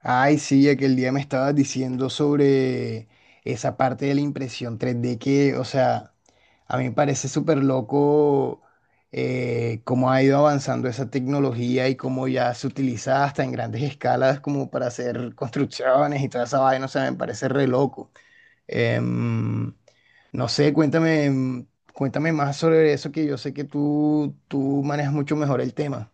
Ay, sí, aquel día me estabas diciendo sobre esa parte de la impresión 3D que, o sea, a mí me parece súper loco cómo ha ido avanzando esa tecnología y cómo ya se utiliza hasta en grandes escalas como para hacer construcciones y toda esa vaina, o sea, me parece re loco. Em, no sé, cuéntame, cuéntame más sobre eso que yo sé que tú manejas mucho mejor el tema.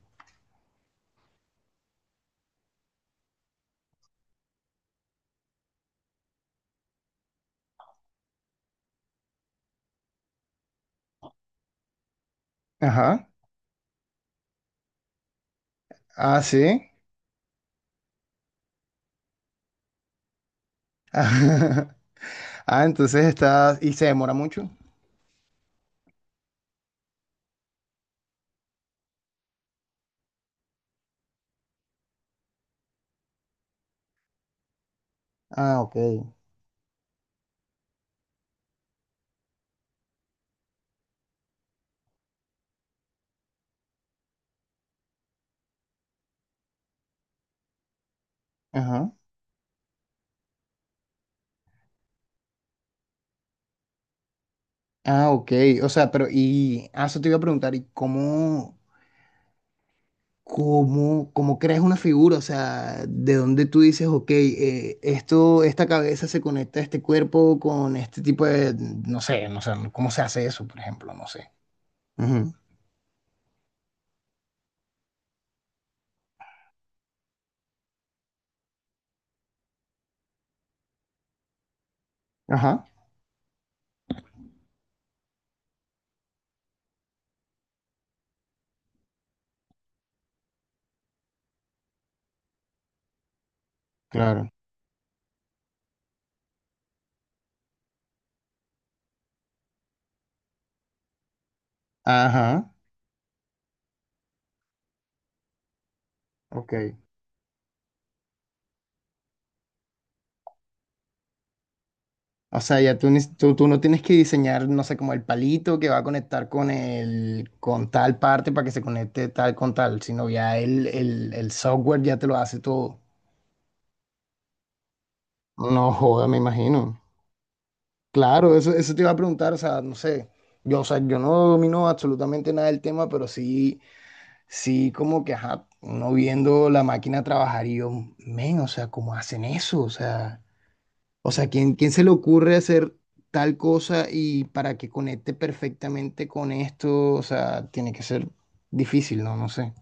Ajá. Ah, sí. Ah, entonces está... ¿Y se demora mucho? Ah, ok. Ajá. Ah, ok. O sea, pero y ah, eso te iba a preguntar, ¿y cómo creas una figura? O sea, ¿de dónde tú dices, ok, esto, esta cabeza se conecta a este cuerpo con este tipo de, no sé, ¿cómo se hace eso, por ejemplo? No sé. Ujú. Ajá, claro. Ajá, ok. O sea, ya tú, tú no tienes que diseñar, no sé, como el palito que va a conectar con el, con tal parte para que se conecte tal con tal, sino ya el software ya te lo hace todo. No joda, me imagino. Claro, eso te iba a preguntar, o sea, no sé. Yo, o sea, yo no domino absolutamente nada del tema, pero sí, como que, ajá, uno viendo la máquina trabajar y yo, men, o sea, ¿cómo hacen eso? O sea. O sea, quién se le ocurre hacer tal cosa y para que conecte perfectamente con esto? O sea, tiene que ser difícil, ¿no? No sé.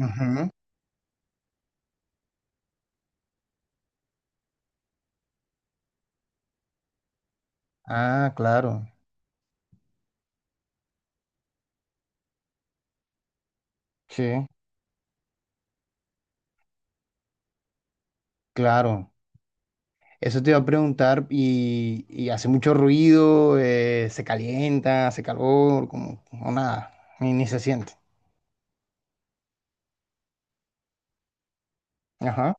Ujú. Ah, claro. Sí, claro. Eso te iba a preguntar y hace mucho ruido, se calienta, hace calor, como o nada, ni se siente. Ajá,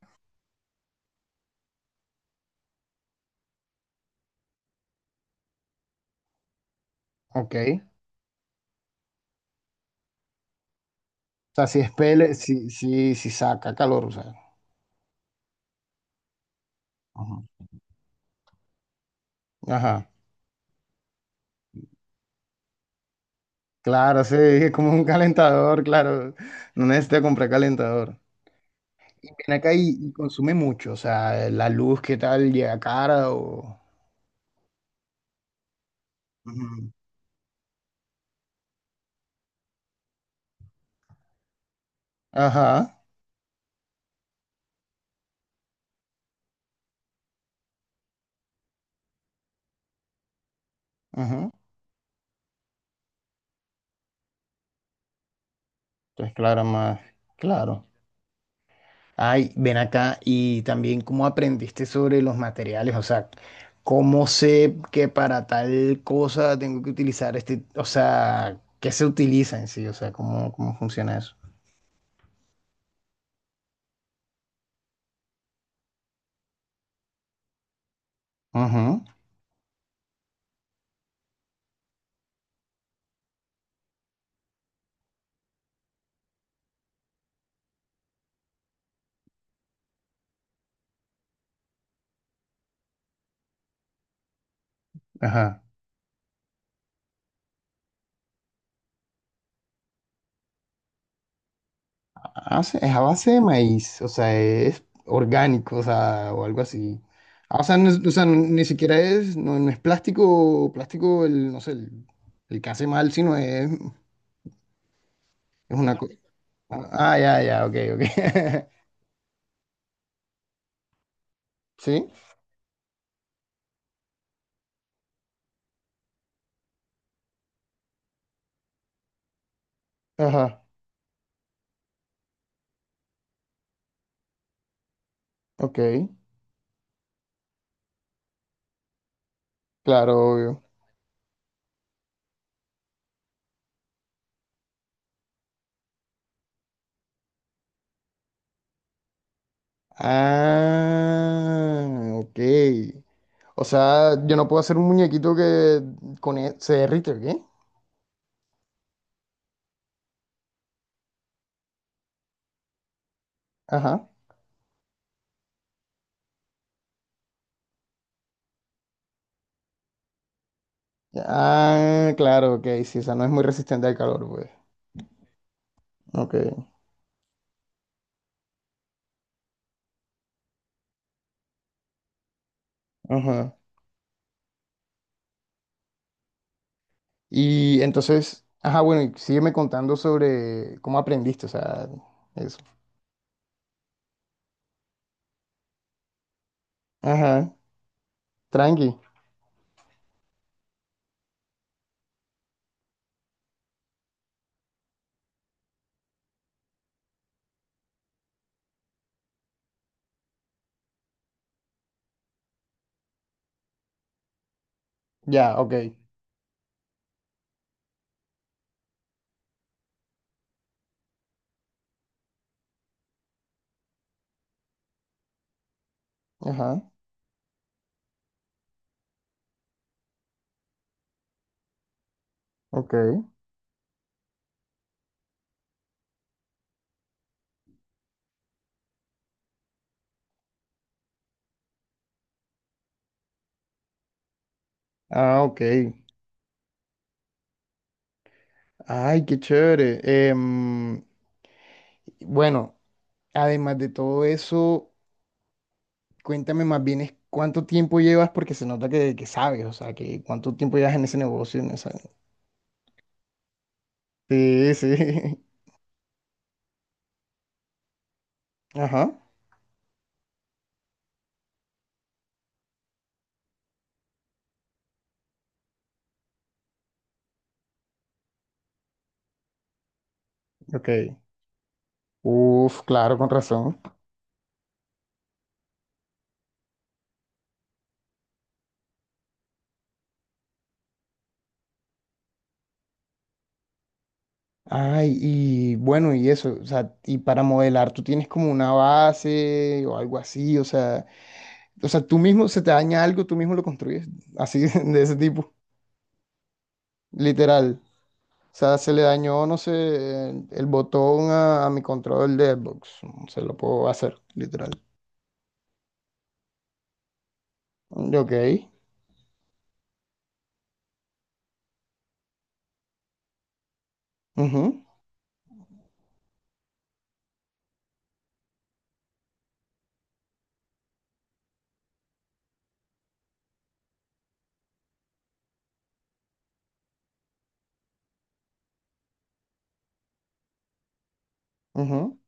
ok. O sea, si es pele, si saca calor, o sea. Ajá. Ajá. Claro, sí, es como un calentador, claro. No necesito comprar calentador. Y ven acá y consume mucho, o sea, la luz, ¿qué tal? Llega cara o... Ujú. Ajá, ajá. Entonces, claro, más, claro. Ay, ven acá y también cómo aprendiste sobre los materiales, o sea, cómo sé que para tal cosa tengo que utilizar este, o sea, qué se utiliza en sí, o sea, cómo funciona eso. Ajá, ajá. Ah, sí, es a base de maíz, o sea, es orgánico, o sea, o algo así. Ah, o sea, no, o sea, ni siquiera es, no, no es plástico, plástico, el, no sé, el que hace mal, sino es una cosa. Ah, ya, ya, ok, ok. Sí, ajá, ok, claro, obvio. Ah, ok. O sea, yo no puedo hacer un muñequito que con se derrite, ¿o ¿qué? Ajá. Ah, claro, ok, sí, o sea, no es muy resistente al calor, pues. Ok. Ajá. Y entonces, ajá, bueno, y sígueme contando sobre cómo aprendiste, o sea, eso. Ajá, tranqui. Ya, ok. Ajá, ok. Ah, ok. Ay, qué chévere. Em, bueno, además de todo eso, cuéntame más bien es cuánto tiempo llevas, porque se nota que sabes, o sea, que cuánto tiempo llevas en ese negocio, en esa... Sí, sí. Ajá, ok. Uf, claro, con razón. Ay, y bueno, y eso, o sea, y para modelar tú tienes como una base o algo así, o sea, tú mismo se te daña algo, tú mismo lo construyes, así de ese tipo, literal. O sea, se le dañó, no sé, el botón a mi control de Xbox, mm, se lo puedo hacer, literal. Ok, ujú, ujú.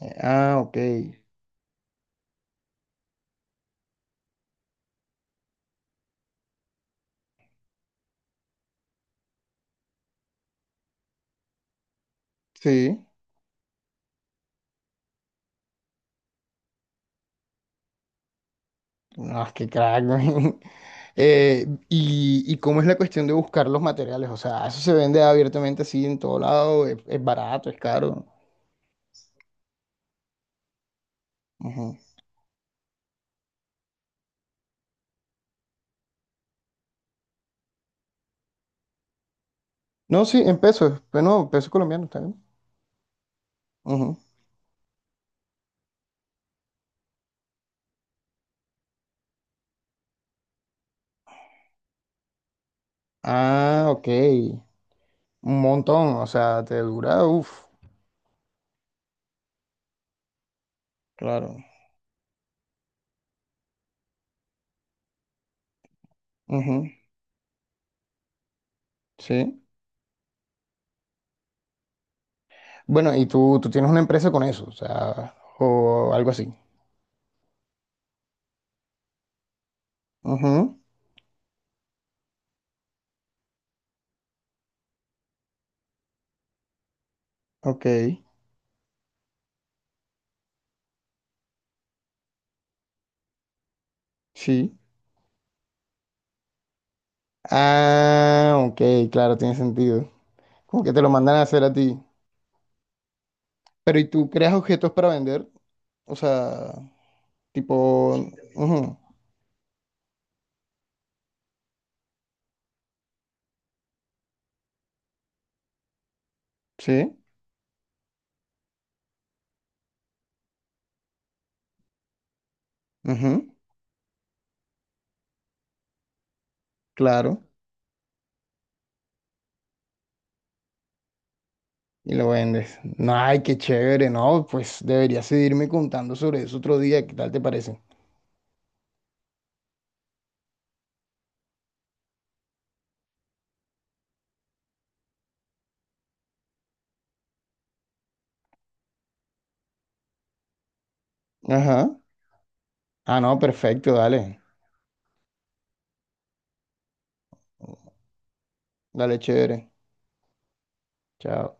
Ah, ok, sí. No, qué crack, güey. Y cómo es la cuestión de buscar los materiales, o sea, eso se vende abiertamente así en todo lado, es barato, es caro. Ujú. No, sí, en pesos, pero no, pesos colombianos también. Ujú. Ah, ok, un montón, o sea, te dura, uff, claro. Ujú, sí. Bueno, y tú tienes una empresa con eso, o sea, o algo así. Ujú, ok, sí. Ah, ok, claro, tiene sentido. Como que te lo mandan a hacer a ti. Pero ¿y tú creas objetos para vender? O sea, tipo, sí, también. Ujú, sí, ujú, claro, y lo vendes. Ay, qué chévere, ¿no? Pues deberías seguirme contando sobre eso otro día, ¿qué tal te parece? Ajá. Ah, no, perfecto, dale, dale, chévere. Chao.